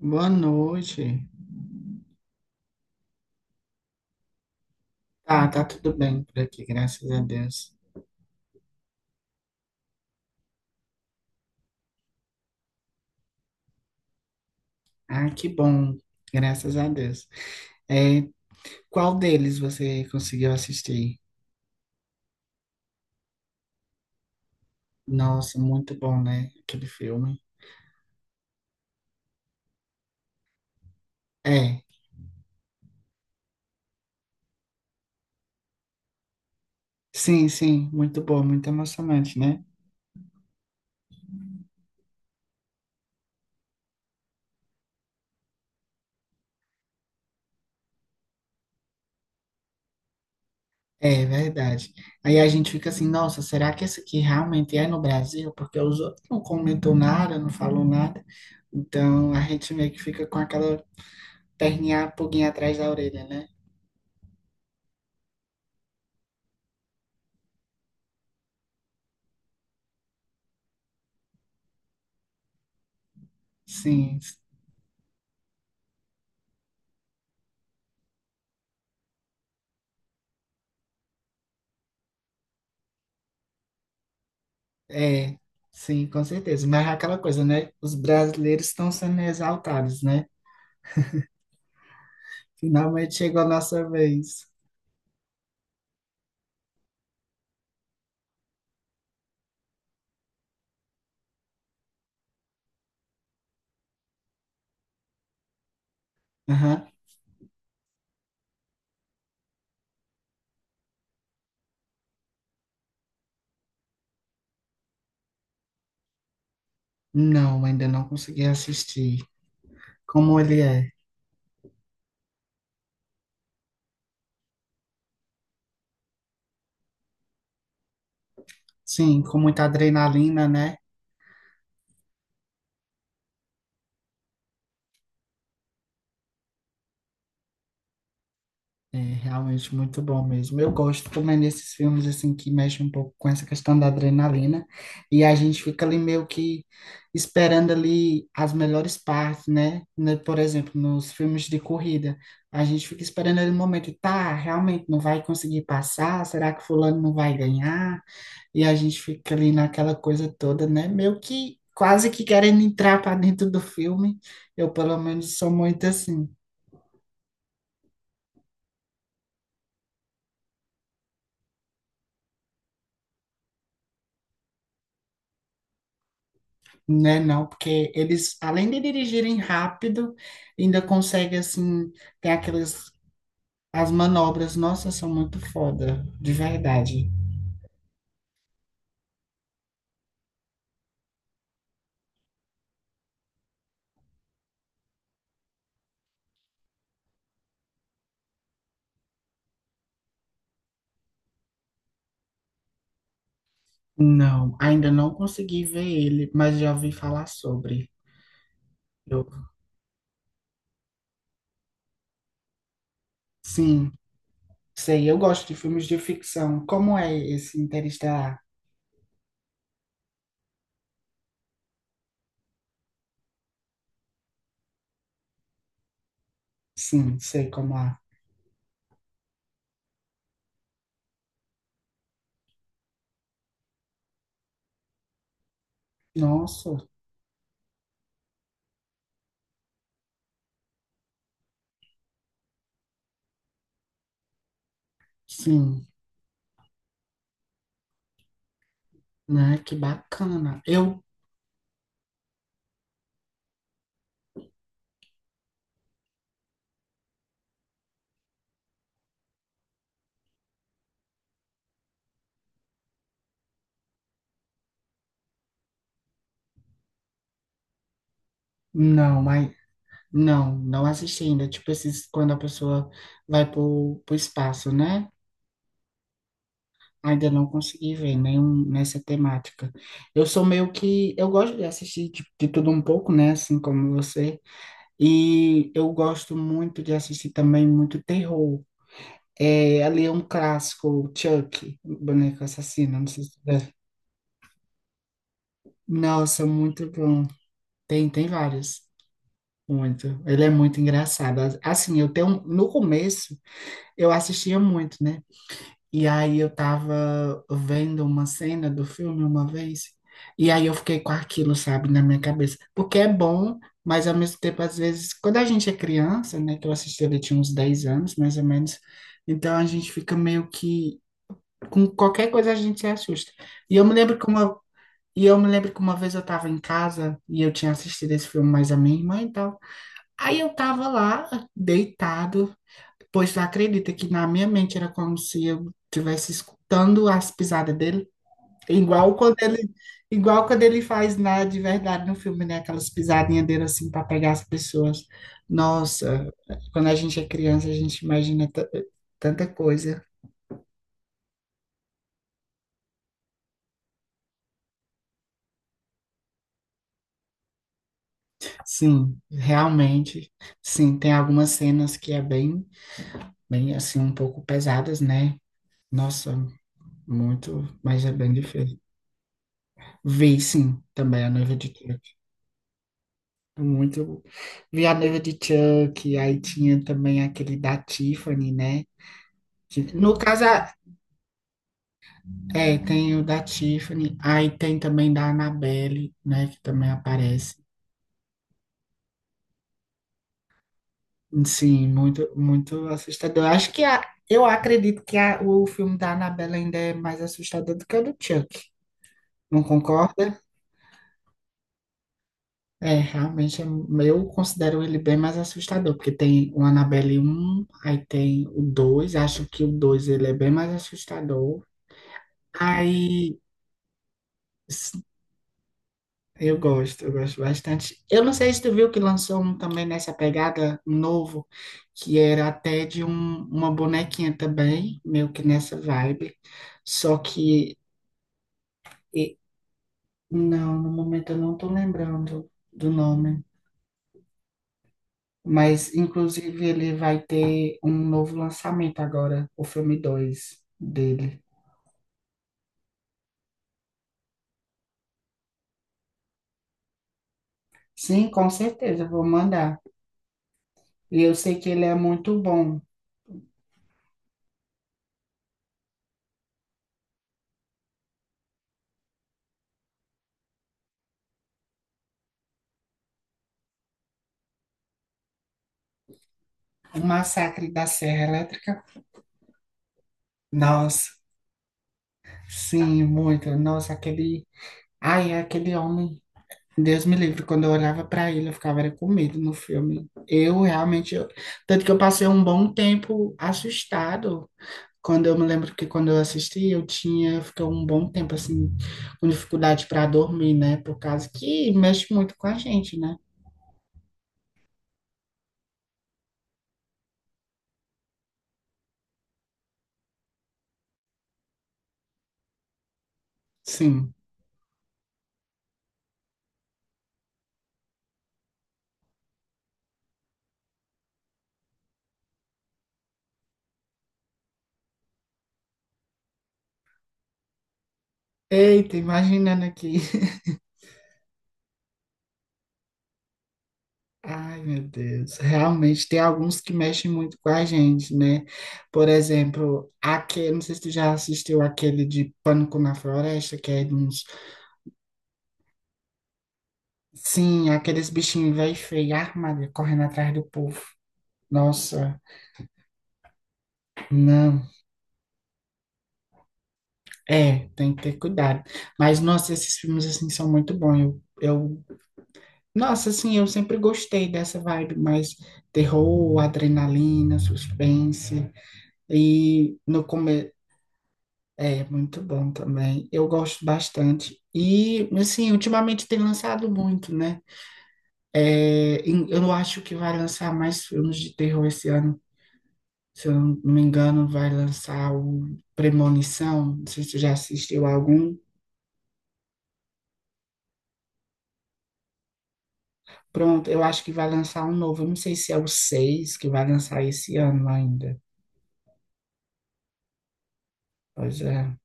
Boa noite. Tá, tá tudo bem por aqui, graças a Deus. Ah, que bom, graças a Deus. É, qual deles você conseguiu assistir? Nossa, muito bom, né? Aquele filme. É, sim, sim, muito bom, muito emocionante, né? É verdade. Aí a gente fica assim, nossa, será que esse aqui realmente é no Brasil? Porque os outros não comentou nada, não falou nada. Então a gente meio que fica com aquela perninha, pulguinha atrás da orelha, né? Sim. É, sim, com certeza. Mas é aquela coisa, né? Os brasileiros estão sendo exaltados, né? Finalmente chegou a nossa vez. Aham. Não, ainda não consegui assistir. Como ele é? Sim, com muita adrenalina, né? É realmente muito bom mesmo. Eu gosto como é nesses filmes assim que mexe um pouco com essa questão da adrenalina e a gente fica ali meio que esperando ali as melhores partes, né? Né, por exemplo, nos filmes de corrida, a gente fica esperando ali o momento, tá, realmente não vai conseguir passar, será que fulano não vai ganhar? E a gente fica ali naquela coisa toda, né? Meio que quase que querendo entrar para dentro do filme. Eu pelo menos sou muito assim. Né, não, porque eles, além de dirigirem rápido, ainda conseguem, assim, tem aquelas, as manobras, nossa, são muito foda, de verdade. Não, ainda não consegui ver ele, mas já ouvi falar sobre. Eu, sim, sei, eu gosto de filmes de ficção. Como é esse Interestelar? Sim, sei como é. Nossa, sim, né, que bacana. Eu, não, mas não, não assisti ainda. Tipo, esses, quando a pessoa vai pro espaço, né? Ainda não consegui ver nenhum nessa temática. Eu sou meio que. Eu gosto de assistir de tudo um pouco, né? Assim como você. E eu gosto muito de assistir também muito terror. É, ali é um clássico, Chuck, boneco assassino. Não sei se. Nossa, muito bom. Tem vários. Muito. Ele é muito engraçado. Assim, eu tenho. No começo, eu assistia muito, né? E aí eu tava vendo uma cena do filme uma vez, e aí eu fiquei com aquilo, sabe, na minha cabeça. Porque é bom, mas ao mesmo tempo, às vezes, quando a gente é criança, né, que eu assisti, ele tinha uns 10 anos, mais ou menos, então a gente fica meio que, com qualquer coisa a gente se assusta. E eu me lembro que uma, e eu me lembro que uma vez eu tava em casa, e eu tinha assistido esse filme mais a minha irmã e tal, aí eu tava lá, deitado, pois tu acredita que na minha mente era como se eu estivesse escutando as pisadas dele? Igual quando ele, igual quando ele faz na, de verdade no filme, né? Aquelas pisadinhas dele assim para pegar as pessoas. Nossa, quando a gente é criança, a gente imagina tanta coisa. Sim, realmente. Sim, tem algumas cenas que é bem, bem assim, um pouco pesadas, né? Nossa, muito, mas é bem difícil. Vi, sim, também a noiva de Tira Muito. Vi a noiva de Chuck, aí tinha também aquele da Tiffany, né? No caso, é, tem o da Tiffany, aí tem também da Annabelle, né? Que também aparece. Sim, muito, muito assustador. Eu acredito que o filme da Annabelle ainda é mais assustador do que o do Chuck. Não concorda? É, realmente, eu considero ele bem mais assustador, porque tem o Annabelle um aí tem o 2 acho que o 2 ele é bem mais assustador, Aí s- eu gosto bastante. Eu não sei se tu viu que lançou um também nessa pegada novo, que era até de uma bonequinha também, meio que nessa vibe. Só que e- não, no momento eu não tô lembrando do nome. Mas, inclusive, ele vai ter um novo lançamento agora, o filme 2 dele. Sim, com certeza, eu vou mandar. E eu sei que ele é muito bom. O Massacre da Serra Elétrica. Nossa, sim, muito. Nossa, aquele. Ai, é aquele homem. Deus me livre. Quando eu olhava pra ele, eu ficava era com medo no filme. Eu realmente. Tanto que eu passei um bom tempo assustado. Quando eu me lembro que quando eu assisti, eu tinha. Eu fiquei um bom tempo, assim, com dificuldade para dormir, né? Por causa que mexe muito com a gente, né? Sim. Eita, imaginando aqui. Ai, meu Deus, realmente tem alguns que mexem muito com a gente, né? Por exemplo, aquele, não sei se tu já assistiu aquele de Pânico na Floresta, que é de uns, sim, aqueles bichinhos velho e feio, armado correndo atrás do povo. Nossa, não, é, tem que ter cuidado. Mas, nossa, esses filmes, assim, são muito bons. Eu, nossa, assim, eu sempre gostei dessa vibe, mais terror, adrenalina, suspense. E no come É muito bom também. Eu gosto bastante. E, assim, ultimamente tem lançado muito, né? É, eu acho que vai lançar mais filmes de terror esse ano. Se eu não me engano, vai lançar o Premonição. Não sei se você já assistiu algum. Pronto, eu acho que vai lançar um novo. Eu não sei se é o 6 que vai lançar esse ano ainda. Pois é.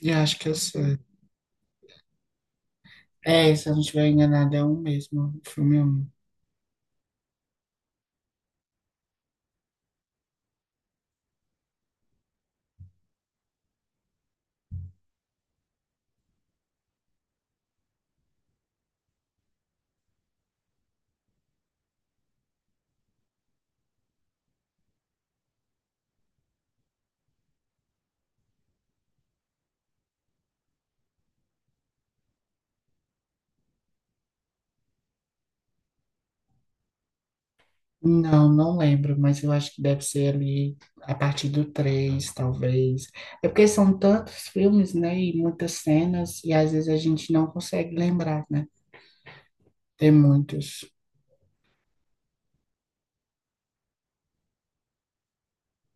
Eu acho que eu sei. É, se eu não estiver enganado, é um mesmo. O filme 1. Não, não lembro, mas eu acho que deve ser ali a partir do 3, talvez. É porque são tantos filmes, né, e muitas cenas, e às vezes a gente não consegue lembrar, né? Tem muitos.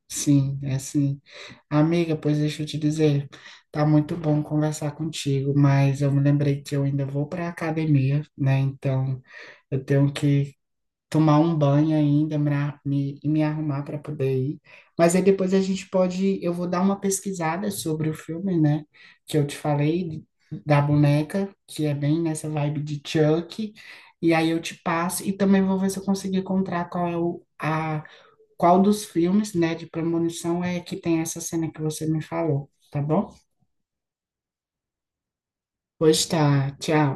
Sim, é assim. Amiga, pois deixa eu te dizer, tá muito bom conversar contigo, mas eu me lembrei que eu ainda vou para a academia, né? Então eu tenho que tomar um banho ainda, e me arrumar para poder ir. Mas aí depois a gente pode, eu vou dar uma pesquisada sobre o filme, né? Que eu te falei da boneca, que é bem nessa vibe de Chuck. E aí eu te passo e também vou ver se eu consigo encontrar qual é o, a, qual dos filmes, né, de premonição é que tem essa cena que você me falou, tá bom? Pois tá, tchau.